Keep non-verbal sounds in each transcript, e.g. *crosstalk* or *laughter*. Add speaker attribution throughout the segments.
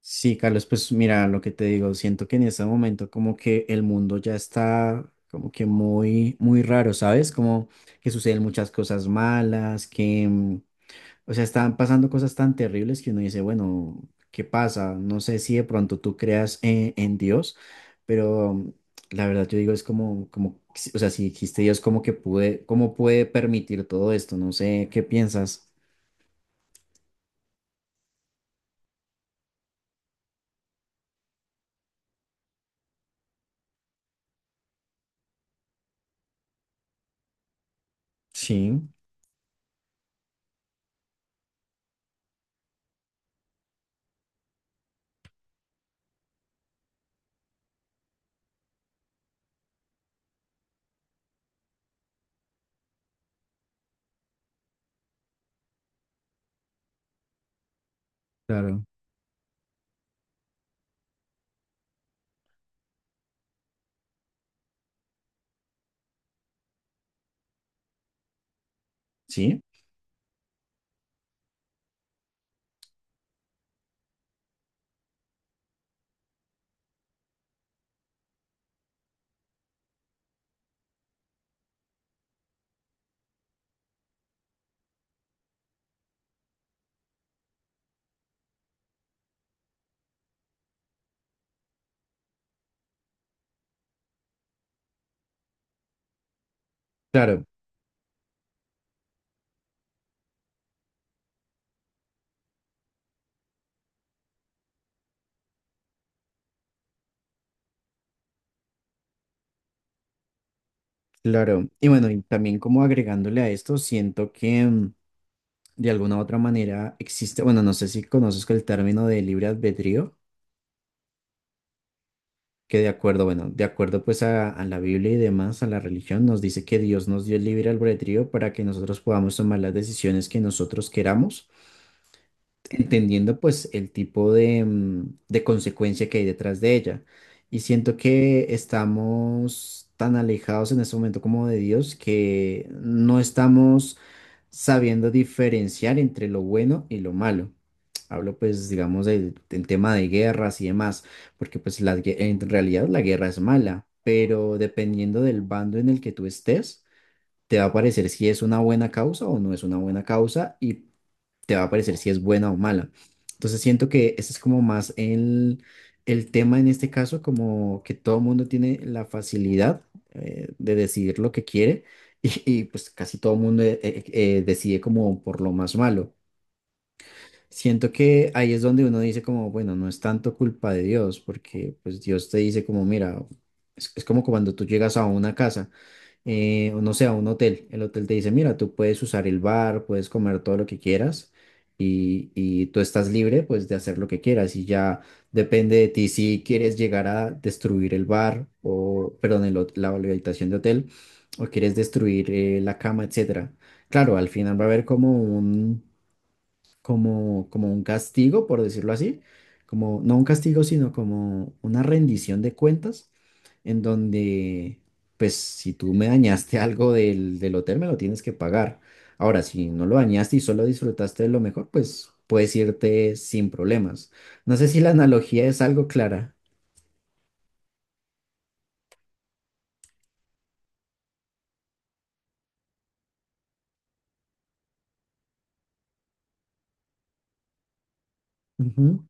Speaker 1: Sí, Carlos, pues mira, lo que te digo, siento que en este momento como que el mundo ya está como que muy, muy raro, ¿sabes? Como que suceden muchas cosas malas, o sea, están pasando cosas tan terribles que uno dice, bueno, ¿qué pasa? No sé si de pronto tú creas en Dios, pero la verdad yo digo es como, como, si- o sea, si existe Dios, ¿cómo puede permitir todo esto? No sé, ¿qué piensas? Sí, claro. Sí. Claro. Claro, y bueno, y también como agregándole a esto, siento que de alguna u otra manera existe, bueno, no sé si conoces el término de libre albedrío, que de acuerdo, bueno, de acuerdo pues a la Biblia y demás, a la religión, nos dice que Dios nos dio el libre albedrío para que nosotros podamos tomar las decisiones que nosotros queramos, entendiendo pues el tipo de consecuencia que hay detrás de ella. Y siento que estamos tan alejados en este momento como de Dios que no estamos sabiendo diferenciar entre lo bueno y lo malo. Hablo pues, digamos, del tema de guerras y demás, porque pues en realidad la guerra es mala, pero dependiendo del bando en el que tú estés, te va a parecer si es una buena causa o no es una buena causa y te va a parecer si es buena o mala. Entonces siento que ese es como más el tema en este caso, como que todo el mundo tiene la facilidad de decidir lo que quiere *laughs* pues casi todo el mundo decide como por lo más malo. Siento que ahí es donde uno dice como, bueno, no es tanto culpa de Dios, porque pues Dios te dice como, mira, es como cuando tú llegas a una casa o no sé, a un hotel. El hotel te dice, mira, tú puedes usar el bar, puedes comer todo lo que quieras y tú estás libre pues de hacer lo que quieras y ya depende de ti si quieres llegar a destruir el bar o, perdón, la habitación de hotel o quieres destruir la cama, etcétera. Claro, al final va a haber como como un castigo, por decirlo así, como no un castigo, sino como una rendición de cuentas, en donde, pues, si tú me dañaste *laughs* algo del hotel, me lo tienes que pagar. Ahora, si no lo dañaste y solo disfrutaste de lo mejor, pues puedes irte sin problemas. No sé si la analogía es algo clara. Ujú.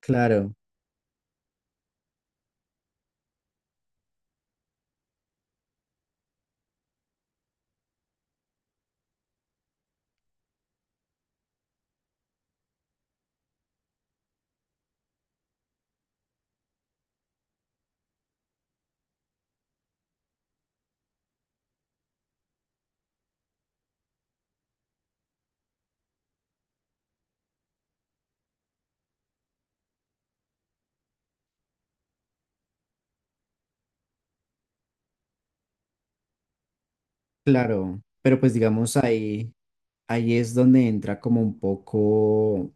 Speaker 1: Claro, claro. Pero pues digamos ahí, ahí es donde entra como un poco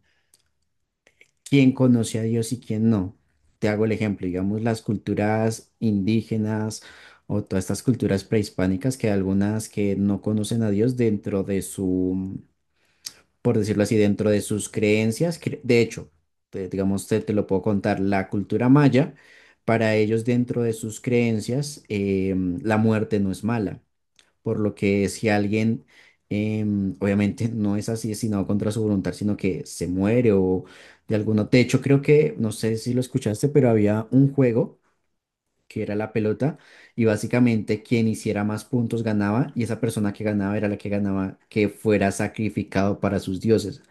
Speaker 1: quién conoce a Dios y quién no. Te hago el ejemplo, digamos, las culturas indígenas o todas estas culturas prehispánicas que hay algunas que no conocen a Dios dentro de su, por decirlo así, dentro de sus creencias. De hecho, digamos, te lo puedo contar, la cultura maya, para ellos dentro de sus creencias, la muerte no es mala por lo que si alguien obviamente no es asesinado contra su voluntad, sino que se muere o de alguna... De hecho, creo que, no sé si lo escuchaste, pero había un juego que era la pelota y básicamente quien hiciera más puntos ganaba y esa persona que ganaba era la que ganaba que fuera sacrificado para sus dioses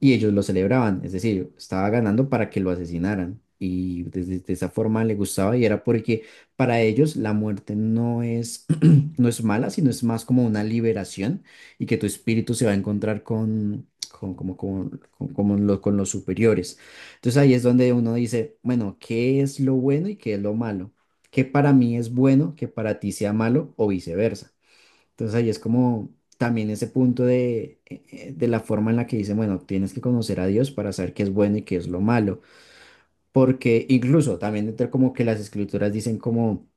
Speaker 1: y ellos lo celebraban, es decir, estaba ganando para que lo asesinaran. Y desde de esa forma le gustaba y era porque para ellos la muerte no es, *clears throat* no es mala, sino es más como una liberación y que tu espíritu se va a encontrar con los superiores. Entonces ahí es donde uno dice, bueno, ¿qué es lo bueno y qué es lo malo? ¿Qué para mí es bueno que para ti sea malo o viceversa? Entonces ahí es como también ese punto de la forma en la que dicen, bueno, tienes que conocer a Dios para saber qué es bueno y qué es lo malo. Porque incluso también entre como que las escrituras dicen como,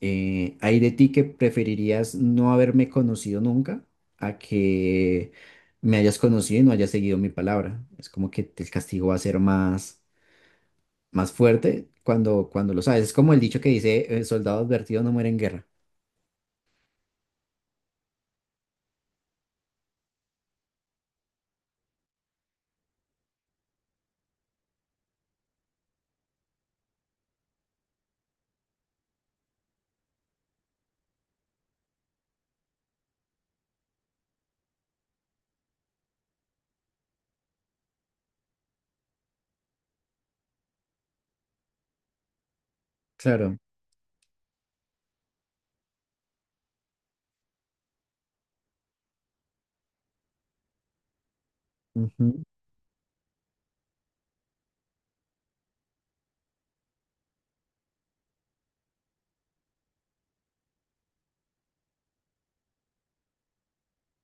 Speaker 1: hay de ti que preferirías no haberme conocido nunca a que me hayas conocido y no hayas seguido mi palabra. Es como que el castigo va a ser más fuerte cuando lo sabes. Es como el dicho que dice, soldado advertido no muere en guerra. Claro. Ujú.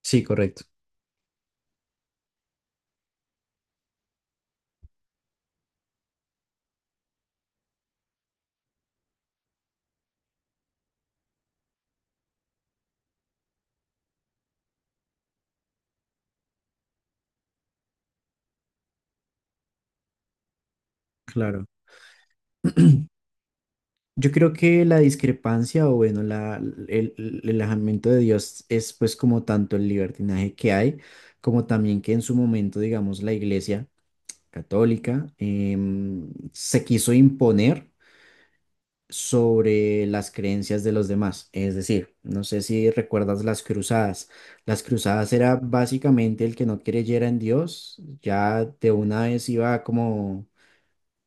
Speaker 1: Sí, correcto. Claro. Yo creo que la discrepancia o bueno, la, el alejamiento de Dios es pues como tanto el libertinaje que hay, como también que en su momento, digamos, la Iglesia católica se quiso imponer sobre las creencias de los demás. Es decir, no sé si recuerdas las cruzadas. Las cruzadas era básicamente el que no creyera en Dios, ya de una vez iba como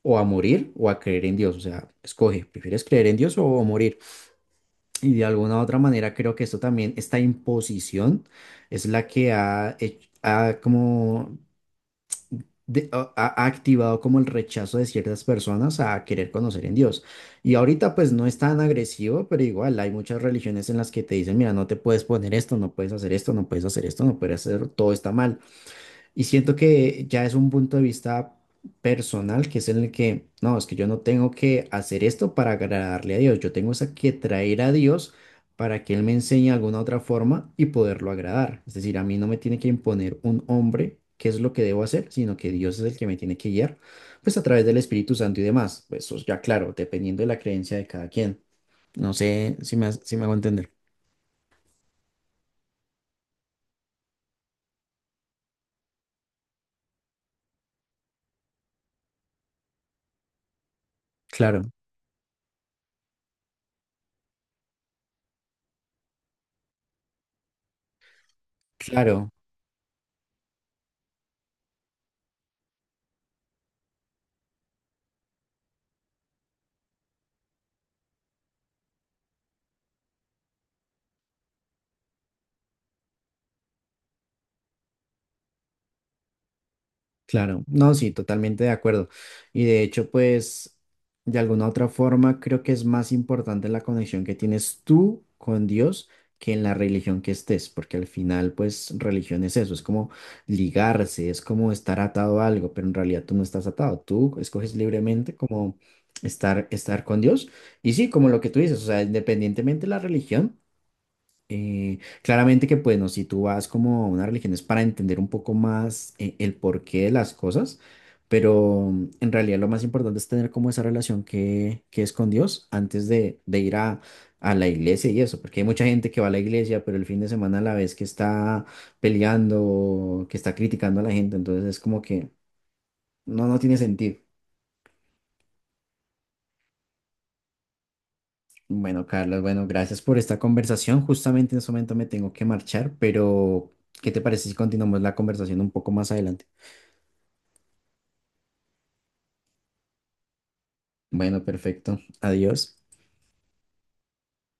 Speaker 1: o a morir o a creer en Dios. O sea, escoge, ¿prefieres creer en Dios o morir? Y de alguna u otra manera creo que esto también, esta imposición es la que ha activado como el rechazo de ciertas personas a querer conocer en Dios. Y ahorita pues no es tan agresivo, pero igual hay muchas religiones en las que te dicen, mira, no te puedes poner esto, no puedes hacer esto, no puedes hacer esto, no puedes hacer, todo está mal. Y siento que ya es un punto de vista personal, que es en el que, no, es que yo no tengo que hacer esto para agradarle a Dios, yo tengo es a que traer a Dios para que Él me enseñe alguna otra forma y poderlo agradar. Es decir, a mí no me tiene que imponer un hombre qué es lo que debo hacer, sino que Dios es el que me tiene que guiar, pues a través del Espíritu Santo y demás. Pues eso ya claro, dependiendo de la creencia de cada quien. No sé si me hago entender. Claro, claro. Claro, no, sí, totalmente de acuerdo. Y de hecho, pues, de alguna otra forma, creo que es más importante la conexión que tienes tú con Dios que en la religión que estés, porque al final, pues, religión es eso, es como ligarse, es como estar atado a algo, pero en realidad tú no estás atado, tú escoges libremente como estar con Dios. Y sí, como lo que tú dices, o sea, independientemente de la religión. Claramente que, bueno, si tú vas como a una religión es para entender un poco más el porqué de las cosas, pero en realidad lo más importante es tener como esa relación que es con Dios antes de ir a la iglesia y eso, porque hay mucha gente que va a la iglesia, pero el fin de semana a la vez que está peleando, que está criticando a la gente, entonces es como que no, no tiene sentido. Bueno, Carlos, bueno, gracias por esta conversación. Justamente en este momento me tengo que marchar, pero ¿qué te parece si continuamos la conversación un poco más adelante? Bueno, perfecto. Adiós.